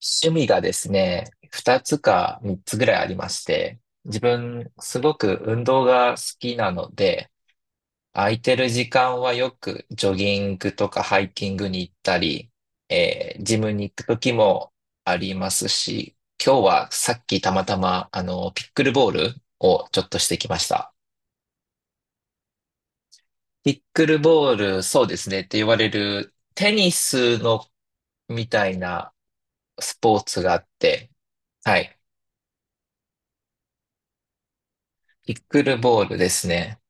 趣味がですね、二つか三つぐらいありまして、自分すごく運動が好きなので、空いてる時間はよくジョギングとかハイキングに行ったり、ジムに行く時もありますし、今日はさっきたまたま、ピックルボールをちょっとしてきました。ピックルボール、そうですねって言われるテニスのみたいなスポーツがあって、はい。ピックルボールですね。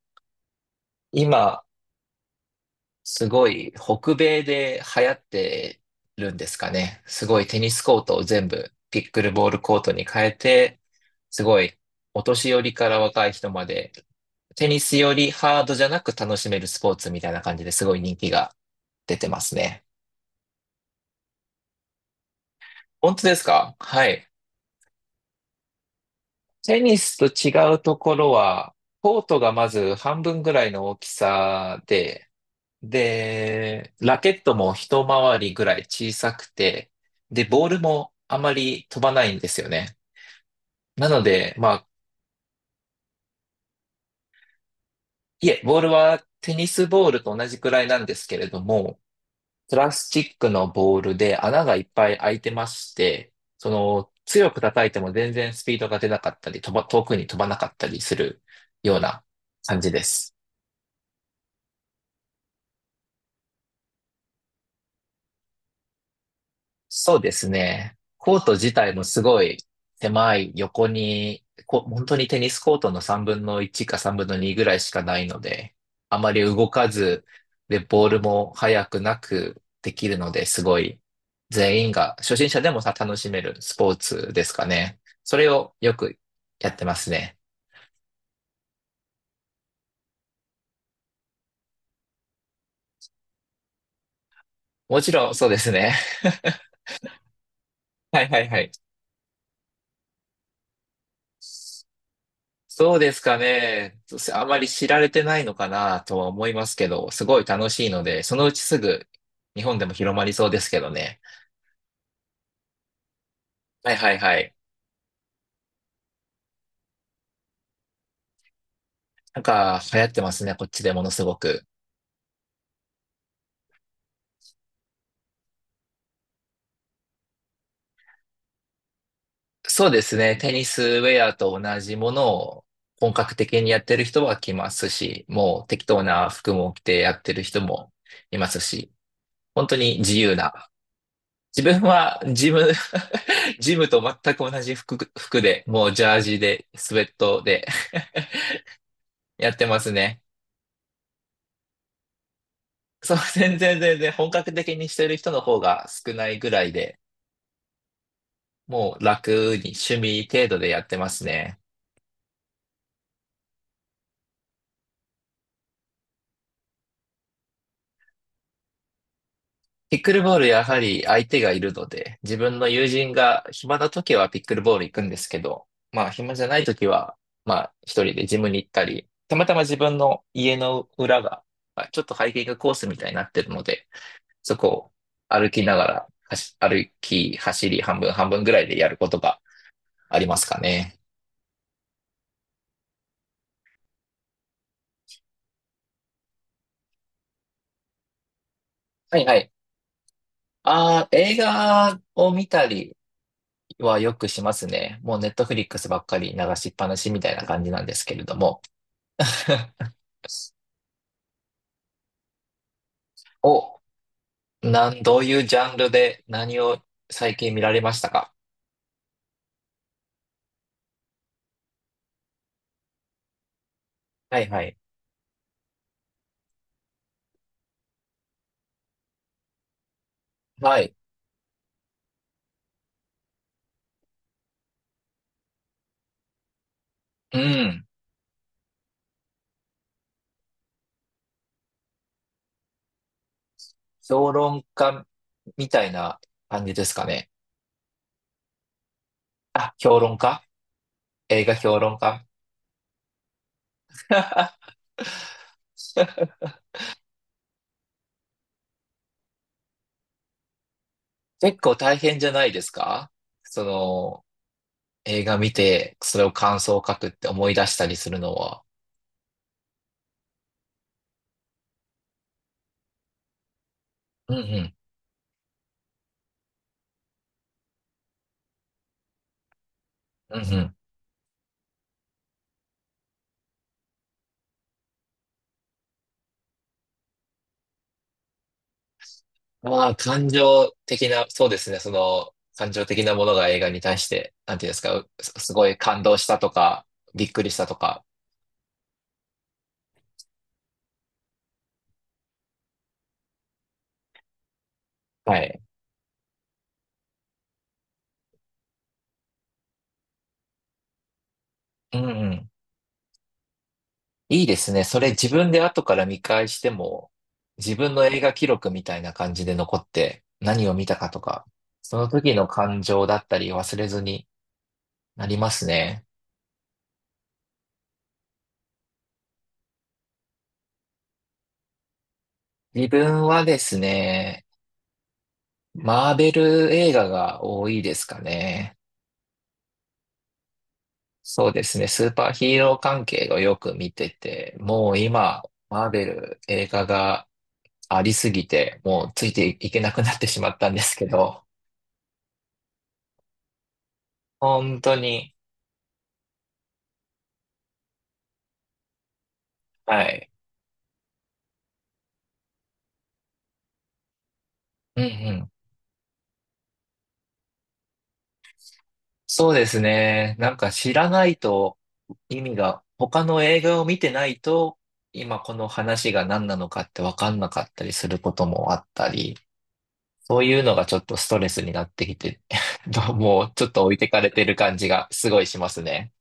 今、すごい北米で流行ってるんですかね。すごいテニスコートを全部ピックルボールコートに変えて、すごいお年寄りから若い人まで、テニスよりハードじゃなく楽しめるスポーツみたいな感じですごい人気が出てますね。本当ですか。はい。テニスと違うところは、コートがまず半分ぐらいの大きさで、で、ラケットも一回りぐらい小さくて、で、ボールもあまり飛ばないんですよね。なので、まあ、いえ、ボールはテニスボールと同じくらいなんですけれども、プラスチックのボールで穴がいっぱい開いてまして、その、強く叩いても全然スピードが出なかったり、遠くに飛ばなかったりするような感じです。そうですね。コート自体もすごい狭い横に、本当にテニスコートの3分の1か3分の2ぐらいしかないので、あまり動かず、で、ボールも速くなくできるので、すごい全員が、初心者でもさ、楽しめるスポーツですかね。それをよくやってますね。もちろん、そうですね。はいはいはい。そうですかね。あまり知られてないのかなとは思いますけど、すごい楽しいので、そのうちすぐ日本でも広まりそうですけどね。はいはいはい。なんか流行ってますね、こっちでものすごく。そうですね。テニスウェアと同じものを本格的にやってる人は来ますし、もう適当な服も着てやってる人もいますし、本当に自由な。自分はジム、ジムと全く同じ服で、もうジャージで、スウェットでやってますね。そう、全然全然本格的にしてる人の方が少ないぐらいで、もう楽に趣味程度でやってますね。ピックルボールやはり相手がいるので、自分の友人が暇な時はピックルボール行くんですけど、まあ暇じゃない時は、まあ一人でジムに行ったり、たまたま自分の家の裏が、まあちょっとハイキングコースみたいになってるので、そこを歩きながら、走歩き、走り、半分半分ぐらいでやることがありますかね。はいはい。ああ、映画を見たりはよくしますね。もうネットフリックスばっかり流しっぱなしみたいな感じなんですけれども。お、どういうジャンルで何を最近見られましたか？はいはい。はい。うん。評論家みたいな感じですかね。あ、評論家。映画評論家。 結構大変じゃないですか。その、映画見て、それを感想を書くって思い出したりするのは。うんうん。うんうん。まあ、感情的な、そうですね。その、感情的なものが映画に対して、なんていうんですか、すごい感動したとか、びっくりしたとか。はい。うんうん。いいですね。それ自分で後から見返しても、自分の映画記録みたいな感じで残って、何を見たかとか、その時の感情だったり忘れずになりますね。自分はですね、マーベル映画が多いですかね。そうですね。スーパーヒーロー関係をよく見てて、もう今、マーベル映画がありすぎて、もうついていけなくなってしまったんですけど、本当に、はい。うんうん。そうですね。なんか知らないと意味が、他の映画を見てないと、今この話が何なのかってわかんなかったりすることもあったり、そういうのがちょっとストレスになってきて、もうちょっと置いてかれてる感じがすごいしますね。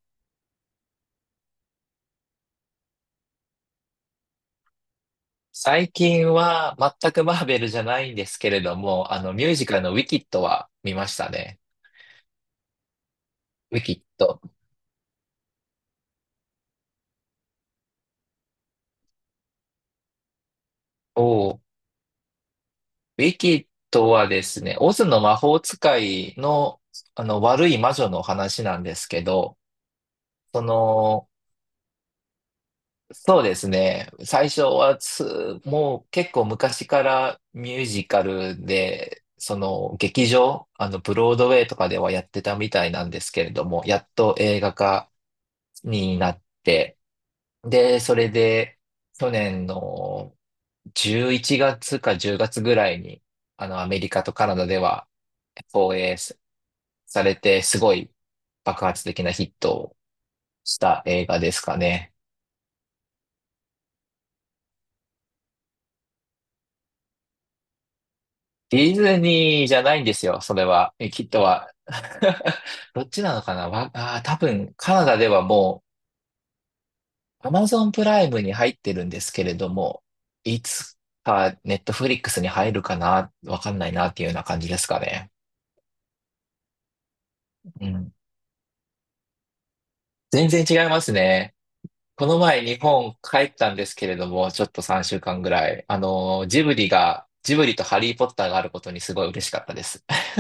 最近は全くマーベルじゃないんですけれども、あのミュージカルのウィキッドは見ましたね。ウィキッド。おーウィキッドはですね、オズの魔法使いの、あの悪い魔女の話なんですけど、その、そうですね、最初はもう結構昔からミュージカルで、その劇場、あのブロードウェイとかではやってたみたいなんですけれども、やっと映画化になって、で、それで、去年の11月か10月ぐらいに、あの、アメリカとカナダでは放映されて、すごい爆発的なヒットをした映画ですかね。ディズニーじゃないんですよ、それは。え、きっとは。どっちなのかなわ、あー、多分、カナダではもう、アマゾンプライムに入ってるんですけれども、いつかネットフリックスに入るかなわかんないなっていうような感じですかね。うん。全然違いますね。この前日本帰ったんですけれども、ちょっと3週間ぐらい。あの、ジブリとハリーポッターがあることにすごい嬉しかったです。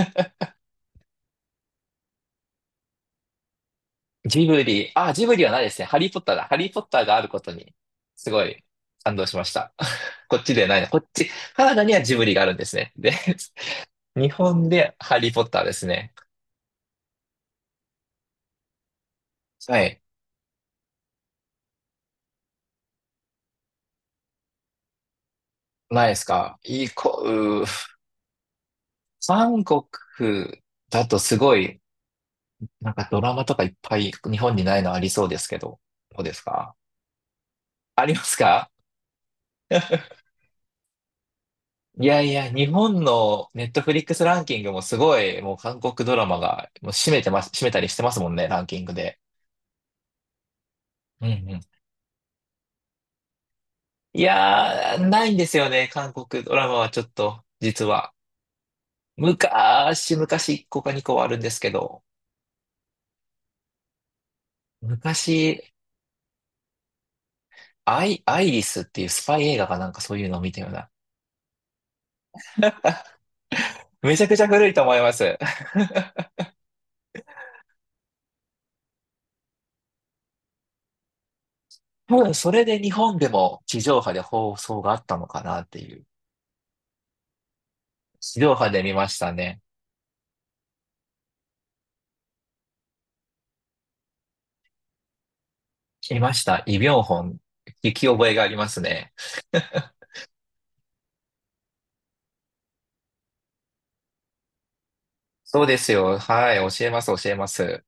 ジブリ、あ、ジブリはないですね。ハリーポッターだ。ハリーポッターがあることに、すごい感動しました。こっちではないな。こっち、カナダにはジブリがあるんですね。で、日本でハリーポッターですね。はい。ないですか？いいこ、韓国だとすごいなんかドラマとかいっぱい日本にないのありそうですけど、どうですか？ありますか？ いやいや、日本のネットフリックスランキングもすごい、もう韓国ドラマがもう占めてます、占めたりしてますもんね、ランキングで。うんうん。いやー、ないんですよね、韓国ドラマはちょっと、実は。昔1個か2個はあるんですけど、昔、アイリスっていうスパイ映画かなんかそういうのを見たような。めちゃくちゃ古いと思います。多分それで日本でも地上波で放送があったのかなっていう。地上波で見ましたね。見ました。イ・ビョンホン。聞き覚えがありますね。そうですよ。はい。教えます、教えます。